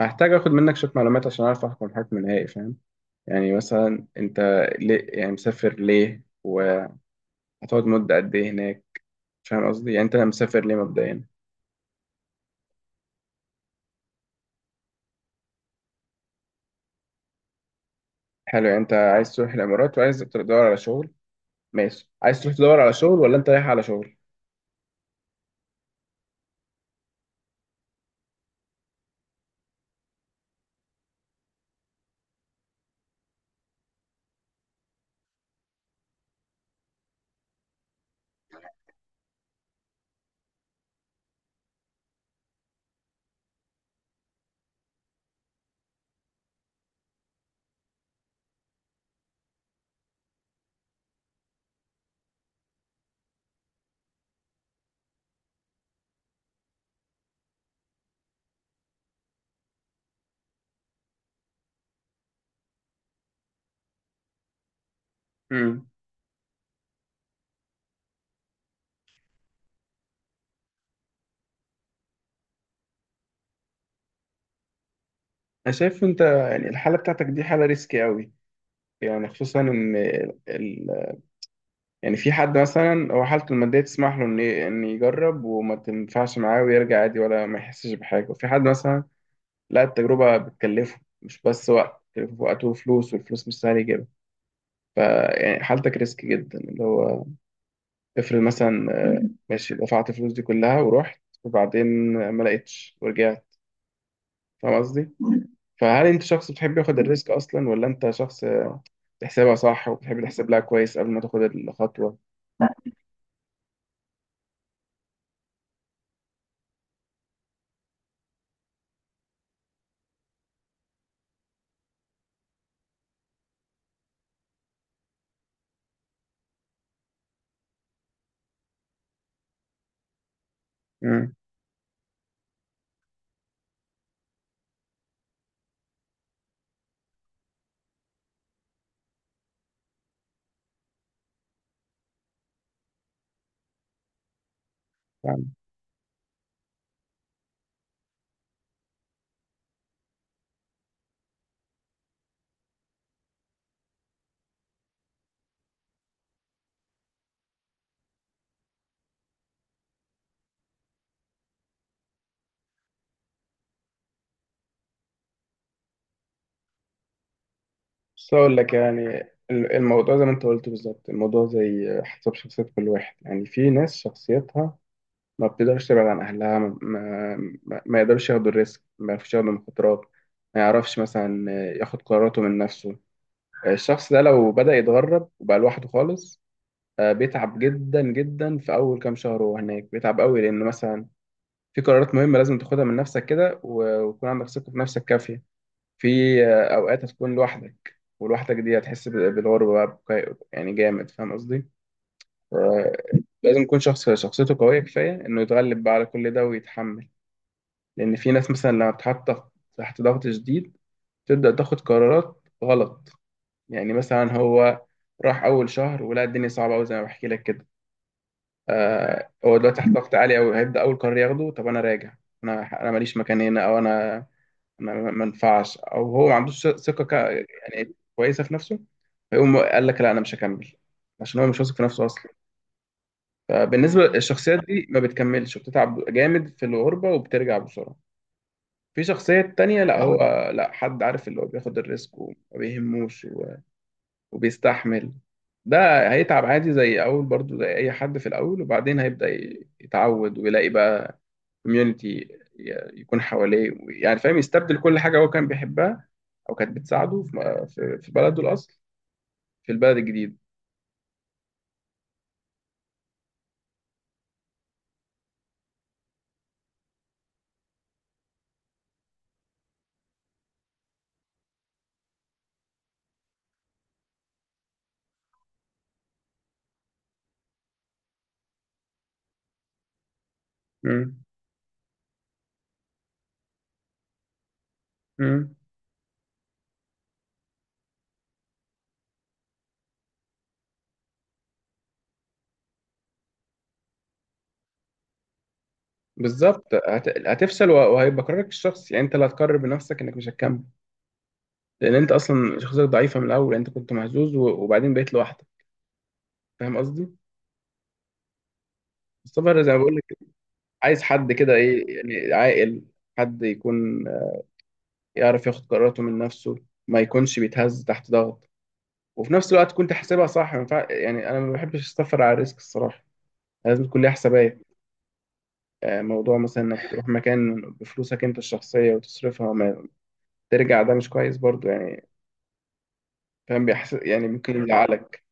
هحتاج اخد منك شويه معلومات عشان اعرف احكم حكم نهائي فاهم؟ مثلا انت ليه مسافر ليه وهتقعد مده قد ايه هناك؟ فاهم قصدي؟ يعني انت مسافر ليه مبدئيا؟ حلو، يعني انت عايز تروح الامارات وعايز تدور على شغل. ماشي، عايز تروح تدور على شغل ولا انت رايح على شغل؟ امم. انا شايف انت يعني الحاله بتاعتك دي حاله ريسكي قوي. يعني خصوصا ان يعني في حد مثلا هو حالته الماديه تسمح له ان يجرب وما تنفعش معاه ويرجع عادي ولا ما يحسش بحاجه، وفي حد مثلا لا، التجربة بتكلفه، مش بس وقت، بتكلفه وقت وفلوس، والفلوس مش سهل يجيبها. فيعني حالتك ريسك جدا، اللي هو افرض مثلا مم. ماشي، دفعت الفلوس دي كلها ورحت وبعدين ما لقيتش ورجعت. فاهم قصدي؟ فهل انت شخص بتحب ياخد الريسك اصلا، ولا انت شخص بتحسبها صح وبتحب تحسب لها كويس قبل ما تاخد الخطوة؟ امم فاهم. بس اقول لك، يعني الموضوع زي ما انت قلت بالظبط، الموضوع زي حسب شخصية كل واحد. يعني في ناس شخصيتها ما بتقدرش تبعد عن أهلها، ما يقدرش ياخد الريسك، ما يعرفش ياخد المخاطرات، ما يعرفش مثلا ياخد قراراته من نفسه. الشخص ده لو بدأ يتغرب وبقى لوحده خالص، بيتعب جدا جدا في أول كام شهر وهو هناك، بيتعب قوي لأن مثلا في قرارات مهمة لازم تاخدها من نفسك كده ويكون عندك ثقة في نفسك كافية. في أوقات هتكون لوحدك، ولوحدك دي هتحس بالغربة بقى يعني جامد. فاهم قصدي؟ آه، لازم يكون شخص شخصيته قوية كفاية إنه يتغلب بقى على كل ده ويتحمل. لأن في ناس مثلا لما بتحط تحت ضغط شديد تبدأ تاخد قرارات غلط. يعني مثلا هو راح أول شهر ولقى الدنيا صعبة أوي زي ما بحكي لك كده، آه، هو دلوقتي تحت ضغط عالي أوي، هيبدأ أول قرار ياخده طب أنا راجع، أنا ماليش مكان هنا، أو أنا ما ينفعش، أو هو ما عندوش ثقة يعني كويسة في نفسه، فيقوم قال لك لا أنا مش هكمل، عشان هو مش واثق في نفسه أصلا. فبالنسبة للشخصيات دي ما بتكملش وبتتعب جامد في الغربة وبترجع بسرعة. في شخصية تانية لا، اه، هو لا، حد عارف اللي هو بياخد الريسك وما بيهموش وبيستحمل. ده هيتعب عادي زي أول برضو زي أي حد في الأول، وبعدين هيبدأ يتعود ويلاقي بقى كوميونتي يكون حواليه. يعني فاهم، يستبدل كل حاجة هو كان بيحبها أو كانت بتساعده في في بلده الأصل، في البلد الجديد. مم. مم. بالظبط هتفشل، وهيبقى قرارك الشخصي. يعني أنت اللي هتقرر بنفسك إنك مش هتكمل، لان انت اصلا شخصيتك ضعيفه من الاول، يعني انت كنت مهزوز وبعدين بقيت لوحدك. فاهم قصدي؟ السفر زي ما بقول لك، عايز حد كده ايه يعني، عاقل، حد يكون يعرف ياخد قراراته من نفسه، ما يكونش بيتهز تحت ضغط، وفي نفس الوقت كنت حاسبها صح. ما ينفع- يعني انا ما بحبش السفر على الريسك الصراحه، لازم تكون ليها حسابات. موضوع مثلا انك تروح مكان بفلوسك انت الشخصيه وتصرفها وما ترجع، ده مش كويس برضو يعني. فاهم بيحس، يعني ممكن يزعلك.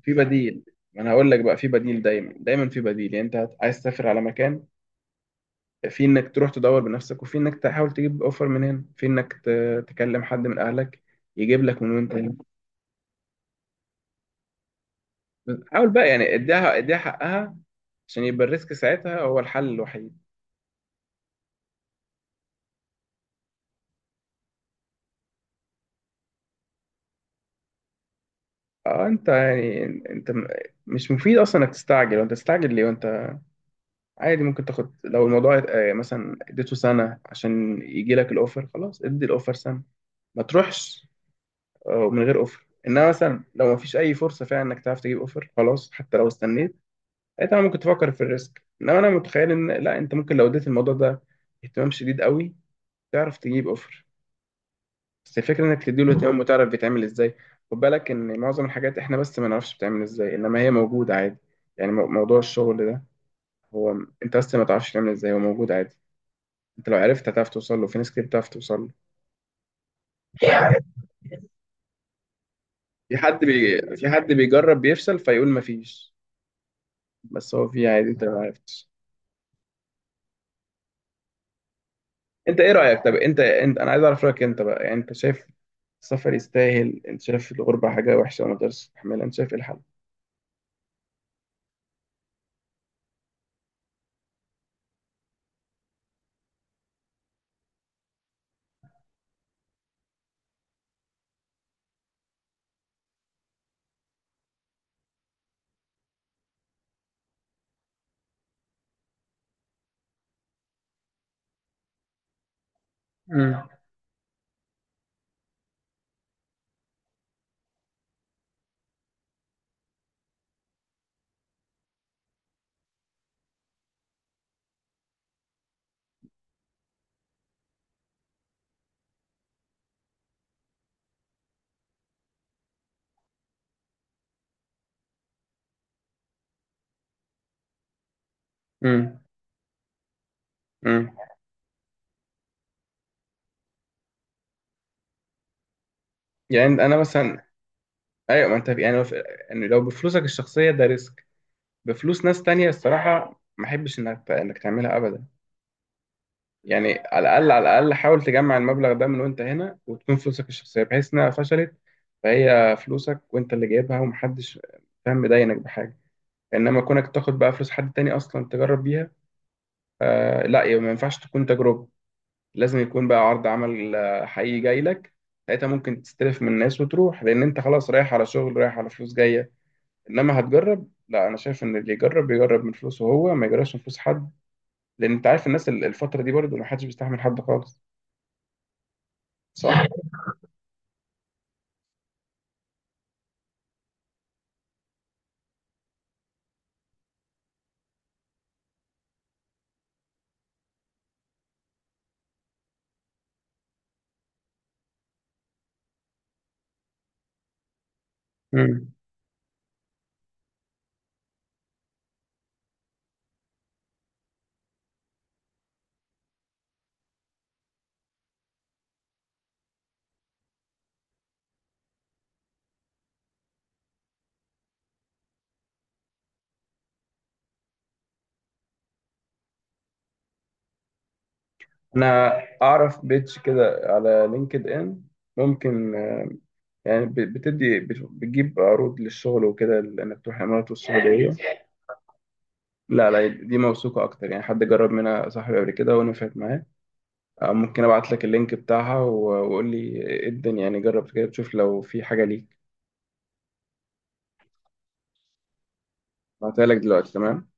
في بديل، ما انا هقول لك بقى في بديل، دايما دايما في بديل. يعني انت عايز تسافر على مكان، في انك تروح تدور بنفسك، وفي انك تحاول تجيب اوفر من هنا، في انك تكلم حد من اهلك يجيب لك من وانت هنا. حاول بقى، يعني اديها، اديها حقها، عشان يبقى الريسك ساعتها هو الحل الوحيد. اه انت يعني مش مفيد اصلا انك تستعجل، وانت تستعجل ليه وانت عادي ممكن تاخد؟ لو الموضوع مثلا اديته سنة عشان يجي لك الاوفر، خلاص، ادي الاوفر سنة، ما تروحش من غير اوفر. انما مثلا لو ما فيش اي فرصه فعلا انك تعرف تجيب اوفر، خلاص حتى لو استنيت ساعتها ممكن تفكر في الريسك. انما انا متخيل ان لا، انت ممكن لو اديت الموضوع ده اهتمام شديد قوي تعرف تجيب اوفر. بس الفكره انك تديله اهتمام وتعرف بيتعمل ازاي. خد بالك ان معظم الحاجات احنا بس ما نعرفش بتعمل ازاي، انما هي موجوده عادي. يعني موضوع الشغل ده هو انت بس ما تعرفش تعمل ازاي، هو موجود عادي. انت لو عرفت هتعرف توصل له، في ناس كتير بتعرف توصل له. في في حد بيجرب بيفشل فيقول ما فيش، بس هو في عادي، انت ما عرفتش. انت ايه رأيك؟ طب انت انا عايز اعرف رأيك انت بقى. يعني انت شايف السفر يستاهل؟ انت شايف الغربة حاجة وحشة وما تقدرش تستحملها؟ انت شايف ايه الحل؟ مم. امم. امم. يعني انا مثلا ايوه، ما انت يعني لو يعني لو بفلوسك الشخصية ده ريسك، بفلوس ناس تانية الصراحة ما احبش انك تعملها ابدا. يعني على الاقل، على الاقل حاول تجمع المبلغ ده من وانت هنا، وتكون فلوسك الشخصية، بحيث انها فشلت فهي فلوسك وانت اللي جايبها ومحدش فاهم مداينك بحاجة. انما كونك تاخد بقى فلوس حد تاني اصلا تجرب بيها آه لا، يعني ما ينفعش تكون تجربه، لازم يكون بقى عرض عمل حقيقي جاي لك، ساعتها ممكن تستلف من الناس وتروح، لان انت خلاص رايح على شغل، رايح على فلوس جايه. انما هتجرب لا، انا شايف ان اللي يجرب بيجرب من فلوسه هو، ما يجربش من فلوس حد، لان انت عارف الناس الفتره دي برضه ما حدش بيستحمل حد خالص. صح. مم. انا اعرف بيتش كده على لينكد ان ممكن يعني بتجيب عروض للشغل وكده، انك تروح الامارات والسعوديه. لا لا، دي موثوقة أكتر، يعني حد جرب منها، صاحبي قبل كده ونفعت معاه. ممكن أبعت لك اللينك بتاعها وقول لي إيه الدنيا، يعني جرب كده تشوف لو في حاجة ليك. بعتها لك دلوقتي، تمام.